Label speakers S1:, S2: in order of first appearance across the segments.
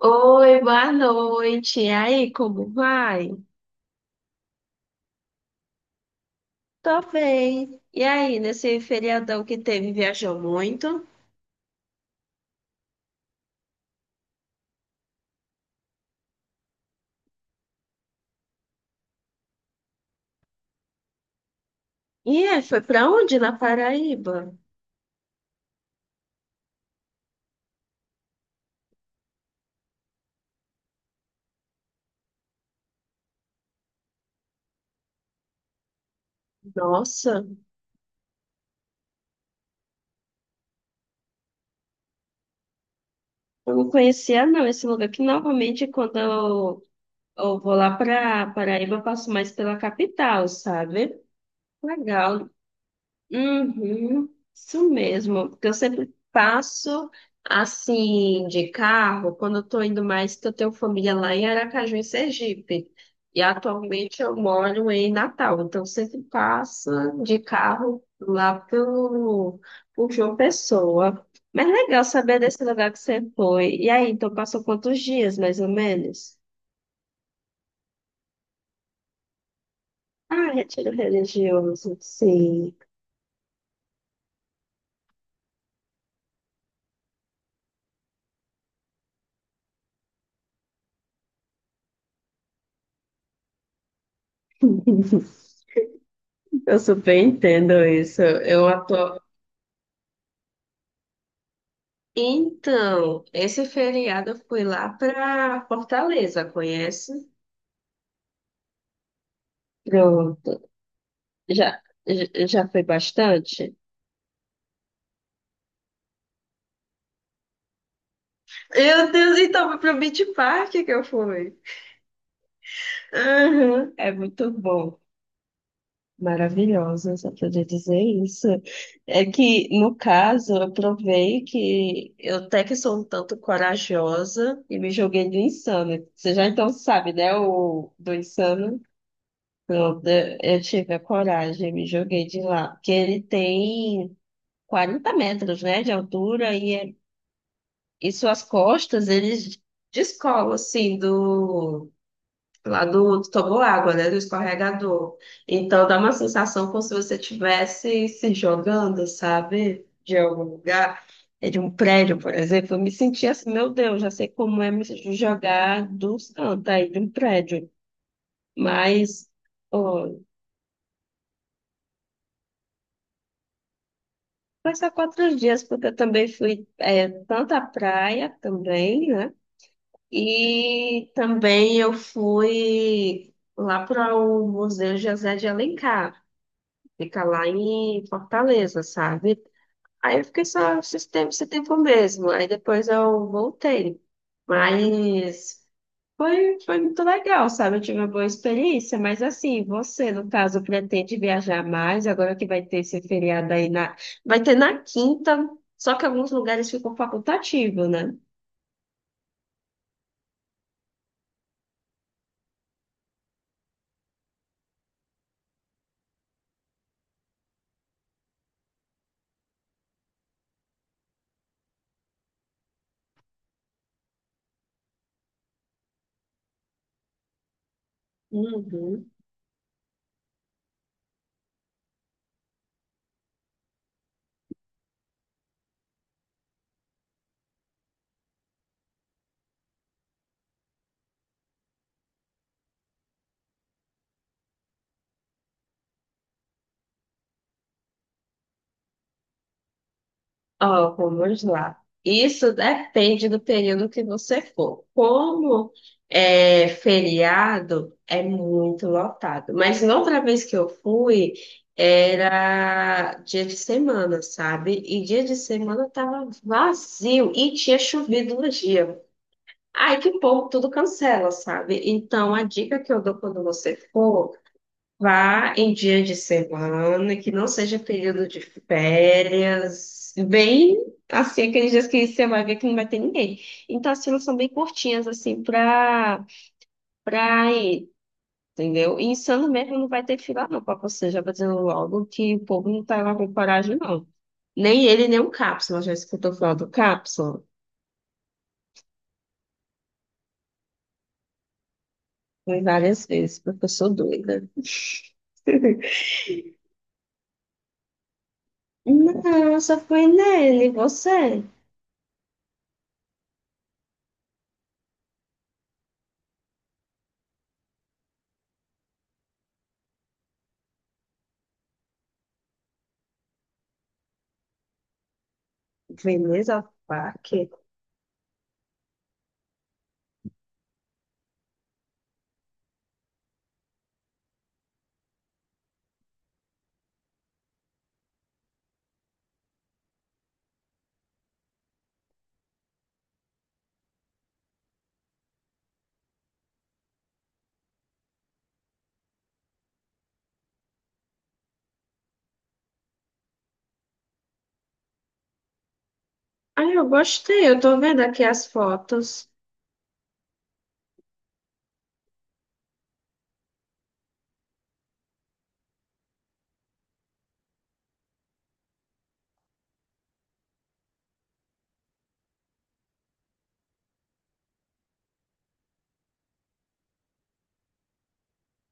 S1: Oi, boa noite. E aí, como vai? Tô bem. E aí, nesse feriadão que teve, viajou muito? E foi pra onde? Na Paraíba? Nossa, eu não conhecia não esse lugar, que normalmente quando eu vou lá pra Paraíba, eu passo mais pela capital, sabe? Legal. Uhum, isso mesmo, porque eu sempre passo assim de carro quando eu estou indo mais, que eu tenho família lá em Aracaju, em Sergipe. E atualmente eu moro em Natal, então eu sempre passo de carro lá por João Pessoa. Mas legal saber desse lugar que você foi. E aí, então passou quantos dias, mais ou menos? Ah, retiro religioso, sim. Eu super entendo isso. Então, esse feriado eu fui lá para Fortaleza, conhece? Pronto. Já, já foi bastante? Meu Deus, então foi pro Beach Park que eu fui. Aham, é muito bom. Maravilhosa, só poder dizer isso. É que, no caso, eu provei que eu até que sou um tanto corajosa e me joguei do Insano. Você já então sabe, né, o do Insano? Pronto, eu tive a coragem, me joguei de lá. Porque ele tem 40 metros, né, de altura e e suas costas, eles descolam, assim, lá do água né, do escorregador. Então dá uma sensação como se você estivesse se jogando, sabe, de algum lugar, de um prédio, por exemplo. Eu me sentia assim, meu Deus, já sei como é me jogar dos cantos aí de um prédio. Mas. Foi só 4 dias, porque eu também fui tanto à praia também, né? E também eu fui lá para o Museu José de Alencar, fica lá em Fortaleza, sabe? Aí eu fiquei só esse tempo mesmo. Aí depois eu voltei. Mas. Foi muito legal, sabe? Eu tive uma boa experiência, mas assim, você, no caso, pretende viajar mais, agora que vai ter esse feriado aí na. Vai ter na quinta, só que alguns lugares ficam facultativo, né? Uhum. Ó, vamos lá. Isso depende do período que você for. Como é feriado, é muito lotado. Mas na outra vez que eu fui, era dia de semana, sabe? E dia de semana tava vazio e tinha chovido no dia. Aí que o povo tudo cancela, sabe? Então a dica que eu dou quando você for. Vá em dia de semana, que não seja período de férias, bem assim, aqueles dias que você vai ver que não vai ter ninguém. Então, as filas são bem curtinhas, assim, pra ir, entendeu? E Insano mesmo não vai ter fila, não, pra você, já vou dizendo logo que o povo não tá lá com coragem, não. Nem ele, nem o Cápsula, já escutou falar do Cápsula? Fui várias vezes, porque eu sou doida. Não, só fui nele, você. Veneza Park? Ah, eu gostei, eu tô vendo aqui as fotos.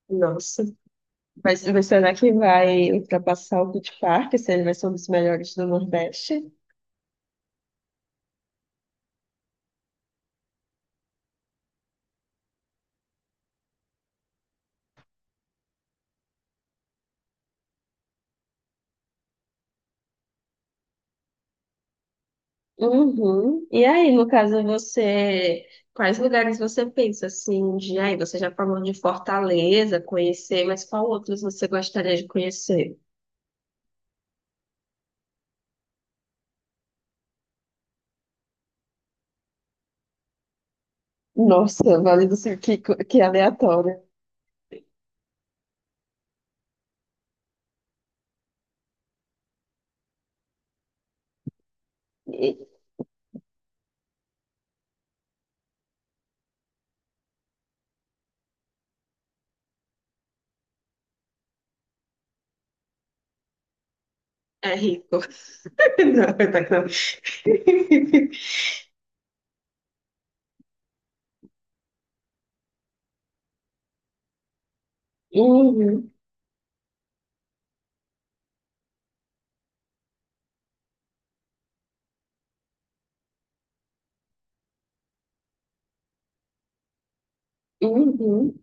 S1: Nossa, será que vai ultrapassar o Beach Park, se ele vai ser um dos melhores do Nordeste? Uhum. E aí, no caso, você, quais lugares você pensa assim de aí? Você já falou de Fortaleza, conhecer, mas qual outros você gostaria de conhecer? Nossa, Vale do Sul, que aleatório. E- É rico. Não, tá não. Uhum, uhum,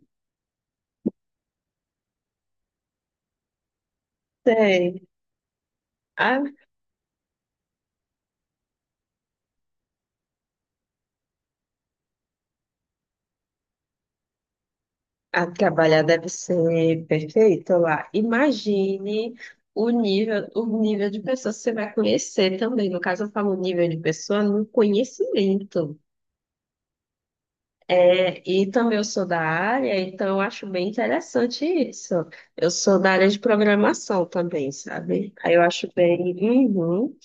S1: tem. A trabalhar deve ser perfeito lá. Imagine o nível de pessoas que você vai conhecer também. No caso, eu falo nível de pessoa no conhecimento. É, e também eu sou da área, então eu acho bem interessante isso. Eu sou da área de programação também, sabe? Aí eu acho bem. Uhum.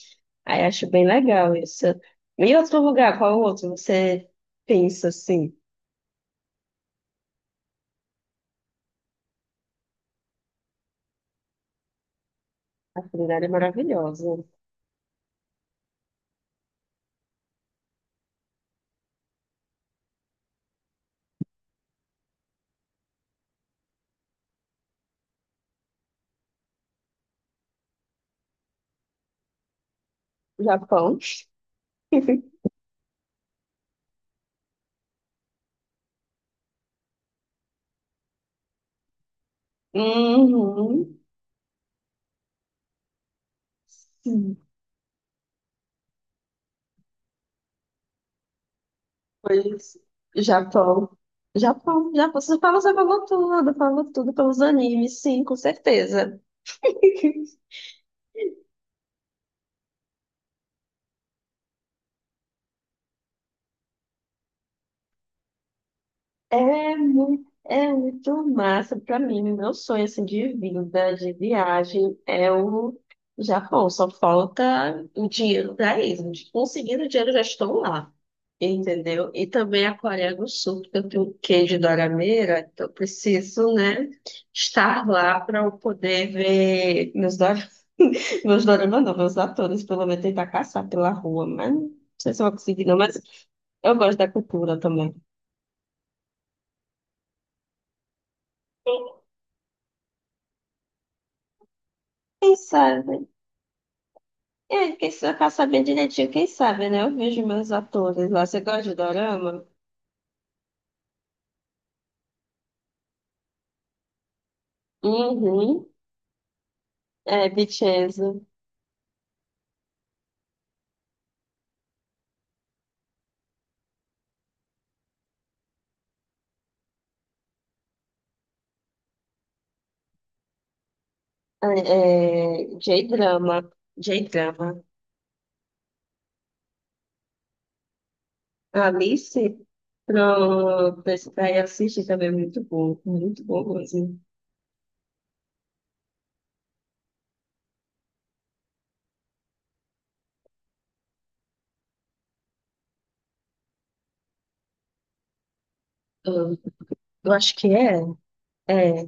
S1: Aí eu acho bem legal isso. E outro lugar, qual outro? Você pensa assim? A culinária é maravilhosa. Japão. Uhum. Sim. Pois, Japão. Japão, Japão. Você falou tudo pelos animes, sim, com certeza. É muito massa para mim. Meu sonho assim, de vida, de viagem, é o Japão. Só falta o dinheiro para isso. Conseguindo o dinheiro, já estou lá. Entendeu? E também a Coreia do Sul, porque eu tenho queijo de dorameira, então eu preciso, né, estar lá para eu poder ver meus. Meus doramas, não, meus atores, pelo menos tentar caçar pela rua, mas não sei se eu vou conseguir, não, mas eu gosto da cultura também. Quem sabe? É, pra saber direitinho, quem sabe, né? Eu vejo meus atores lá. Você gosta de dorama? Uhum. É, Vincenzo. J-drama. J-drama. Alice, pra ir assistir também, é muito bom. Muito bom mesmo. Eu, eu acho que é. É.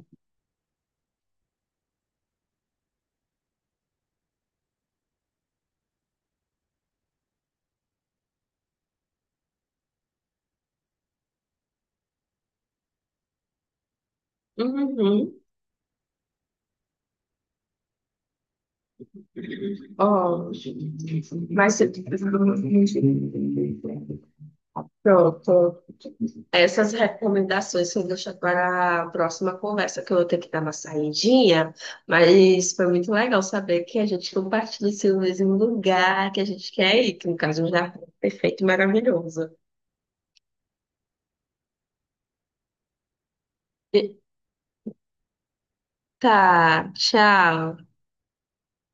S1: Uhum. Ó, mas... eu- Pronto. Essas recomendações eu deixo para a próxima conversa, que eu vou ter que dar uma saidinha, mas foi muito legal saber que a gente compartilha esse mesmo lugar que a gente quer ir, que no caso já é um jardim perfeito e maravilhoso. E- Tá, tchau.